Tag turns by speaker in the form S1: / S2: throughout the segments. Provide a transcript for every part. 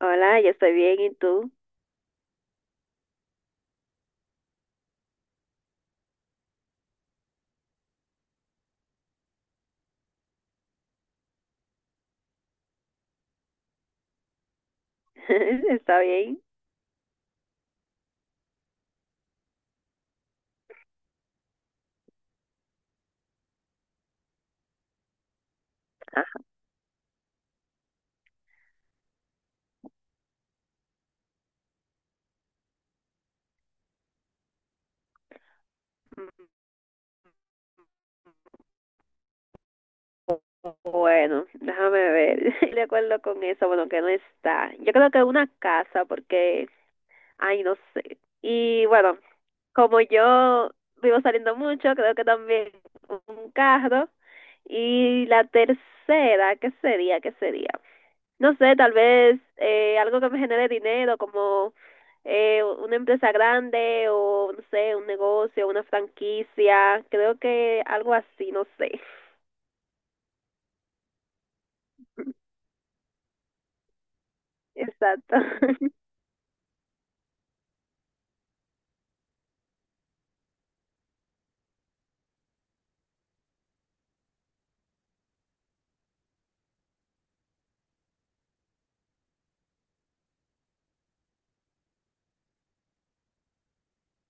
S1: Hola, yo estoy bien, ¿y tú? ¿Está bien? Bueno, déjame ver. De acuerdo con eso, bueno, que no está. Yo creo que una casa, porque, ay, no sé. Y bueno, como yo vivo saliendo mucho, creo que también un carro. Y la tercera, ¿qué sería? ¿Qué sería? No sé, tal vez algo que me genere dinero, como una empresa grande o, no sé, un negocio, una franquicia, creo que algo así, no sé. Exacto.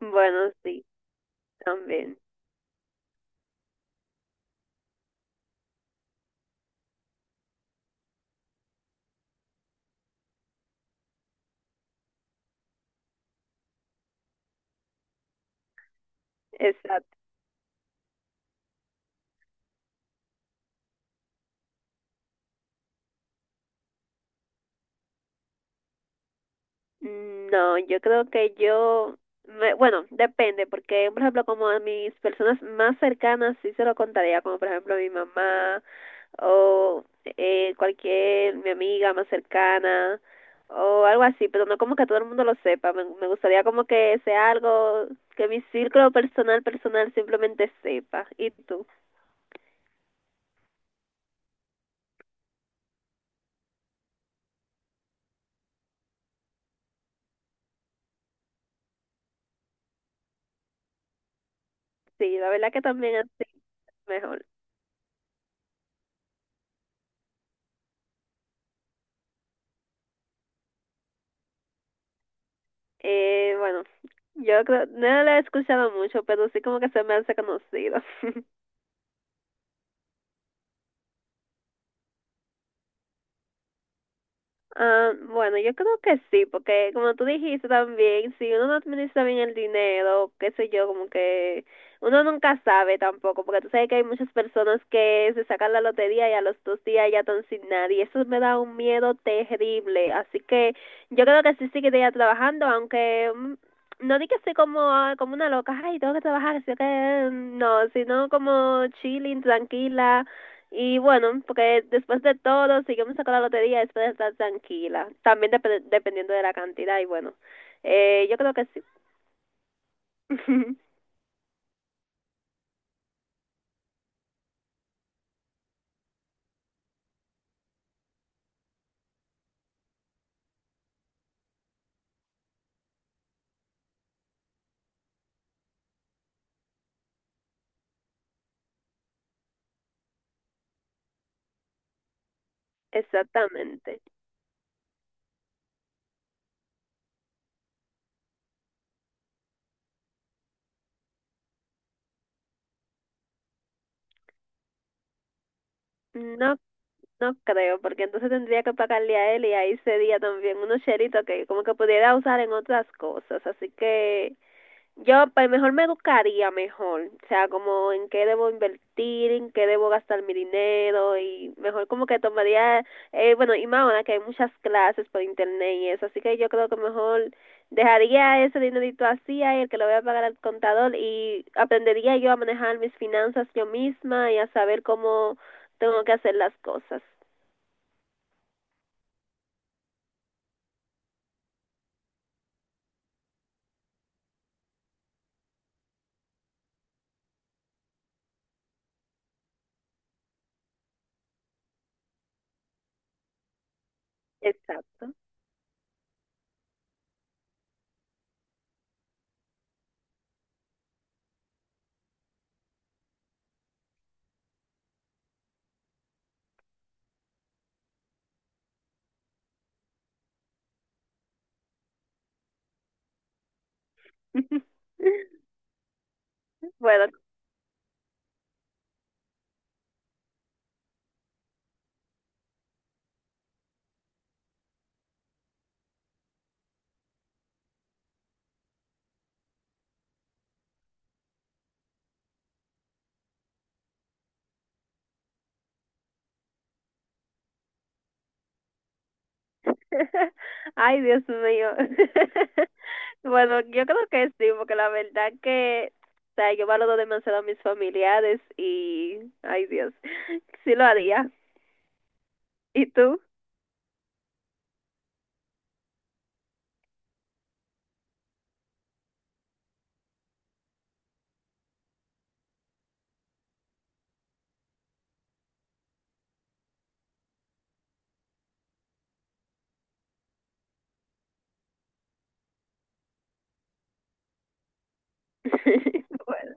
S1: Bueno, sí, también. Exacto. No, yo creo que yo, bueno, depende, porque, por ejemplo, como a mis personas más cercanas sí se lo contaría, como por ejemplo a mi mamá, o cualquier mi amiga más cercana o algo así, pero no como que todo el mundo lo sepa. Me gustaría como que sea algo que mi círculo personal personal simplemente sepa. ¿Y tú? Sí, la verdad que también así mejor. Bueno, yo creo, no lo he escuchado mucho, pero sí como que se me hace conocido. Ah, bueno, yo creo que sí, porque como tú dijiste también, si uno no administra bien el dinero, qué sé yo, como que uno nunca sabe tampoco, porque tú sabes que hay muchas personas que se sacan la lotería y a los dos días ya están sin nadie, y eso me da un miedo terrible, así que yo creo que sí seguiría trabajando, aunque no di que soy como, ah, como una loca, ay, tengo que trabajar, así que no, sino como chilling, tranquila y bueno, porque después de todo, si yo me saco la lotería, después de estar tranquila. También dependiendo de la cantidad. Y bueno, yo creo que sí. Exactamente. No, no creo, porque entonces tendría que pagarle a él y ahí sería también unos cheritos que como que pudiera usar en otras cosas. Así que yo pues mejor me educaría mejor, o sea, como en qué debo invertir, en qué debo gastar mi dinero y mejor como que tomaría, bueno, y más ahora que hay muchas clases por internet y eso, así que yo creo que mejor dejaría ese dinerito así, ahí, el que lo voy a pagar al contador y aprendería yo a manejar mis finanzas yo misma y a saber cómo tengo que hacer las cosas. Exacto. Bueno. Ay, Dios mío. Bueno, yo creo que sí, porque la verdad que, o sea, yo valoro demasiado a mis familiares y, ay, Dios, sí lo haría. ¿Y tú? Bueno,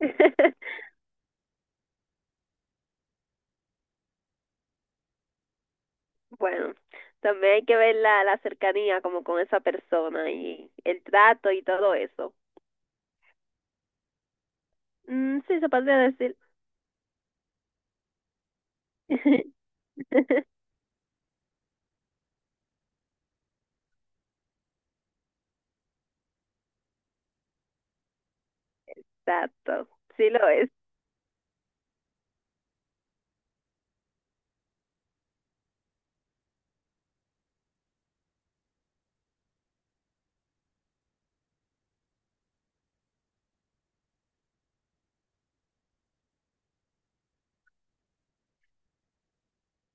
S1: bueno, también hay que ver la, la cercanía como con esa persona y el trato y todo eso. Mm, sí, se podría decir. Exacto, sí lo es.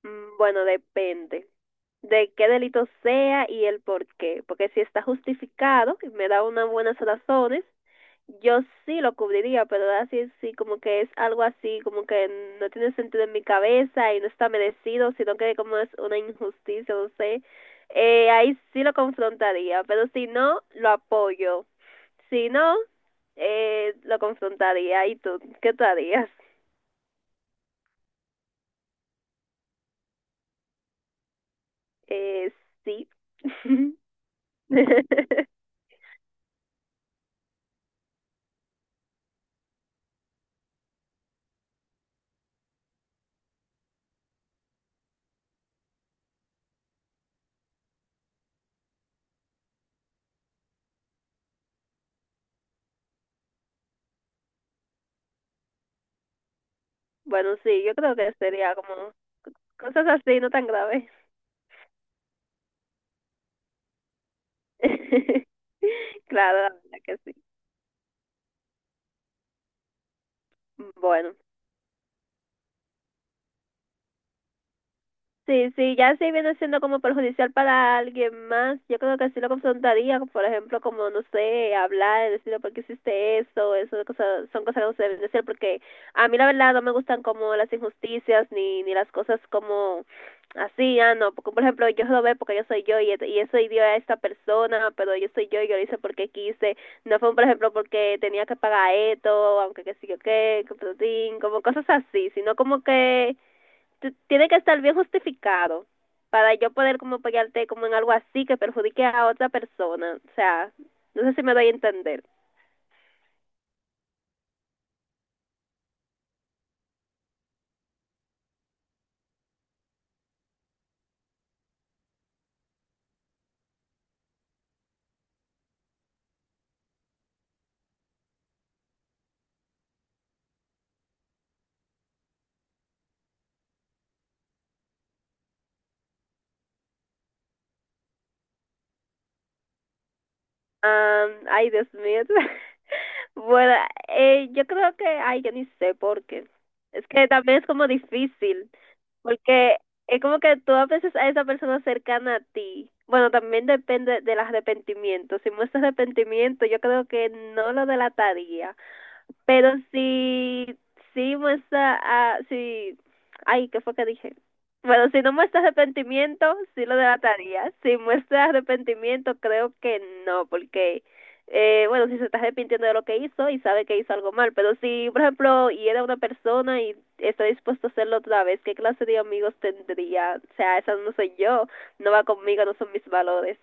S1: Mm, bueno, depende de qué delito sea y el por qué, porque si está justificado, y me da unas buenas razones, yo sí lo cubriría, pero así sí sí, como que es algo así, como que no tiene sentido en mi cabeza y no está merecido, sino que como es una injusticia, no sé. Ahí sí lo confrontaría, pero si no, lo apoyo. Si no, lo confrontaría. ¿Y tú? ¿Qué tú harías? Eh, sí. Bueno, sí, yo creo que sería como cosas así, no tan graves. Claro, la verdad que sí. Bueno. Sí, sí, ya si viene siendo como perjudicial para alguien más, yo creo que sí lo confrontaría, por ejemplo, como, no sé, hablar, decirle por qué hiciste eso, eso de cosas, son cosas que no se deben decir, porque a mí la verdad no me gustan como las injusticias ni las cosas como así, ah, no, porque por ejemplo yo robé porque yo soy yo y eso dio a esta persona, pero yo soy yo y yo lo hice porque quise, no fue por ejemplo porque tenía que pagar esto, aunque que sí o qué, que, pero sí, como cosas así, sino como que tiene que estar bien justificado para yo poder como apoyarte como en algo así que perjudique a otra persona. O sea, no sé si me doy a entender. Ay, Dios mío. Bueno, yo creo que, ay, yo ni sé por qué. Es que también es como difícil, porque es como que tú a veces a esa persona cercana a ti. Bueno, también depende del arrepentimiento. Si muestra arrepentimiento, yo creo que no lo delataría. Pero si, si muestra, ah, si, ay, ¿qué fue que dije? Bueno, si no muestra arrepentimiento, sí lo delataría. Si muestra arrepentimiento, creo que no, porque, bueno, si se está arrepintiendo de lo que hizo y sabe que hizo algo mal, pero si, por ejemplo, y era una persona y está dispuesto a hacerlo otra vez, ¿qué clase de amigos tendría? O sea, esa no soy yo, no va conmigo, no son mis valores.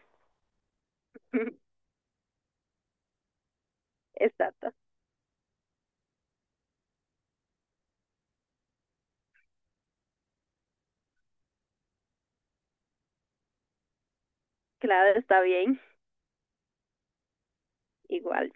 S1: Exacto, claro, está bien, igual.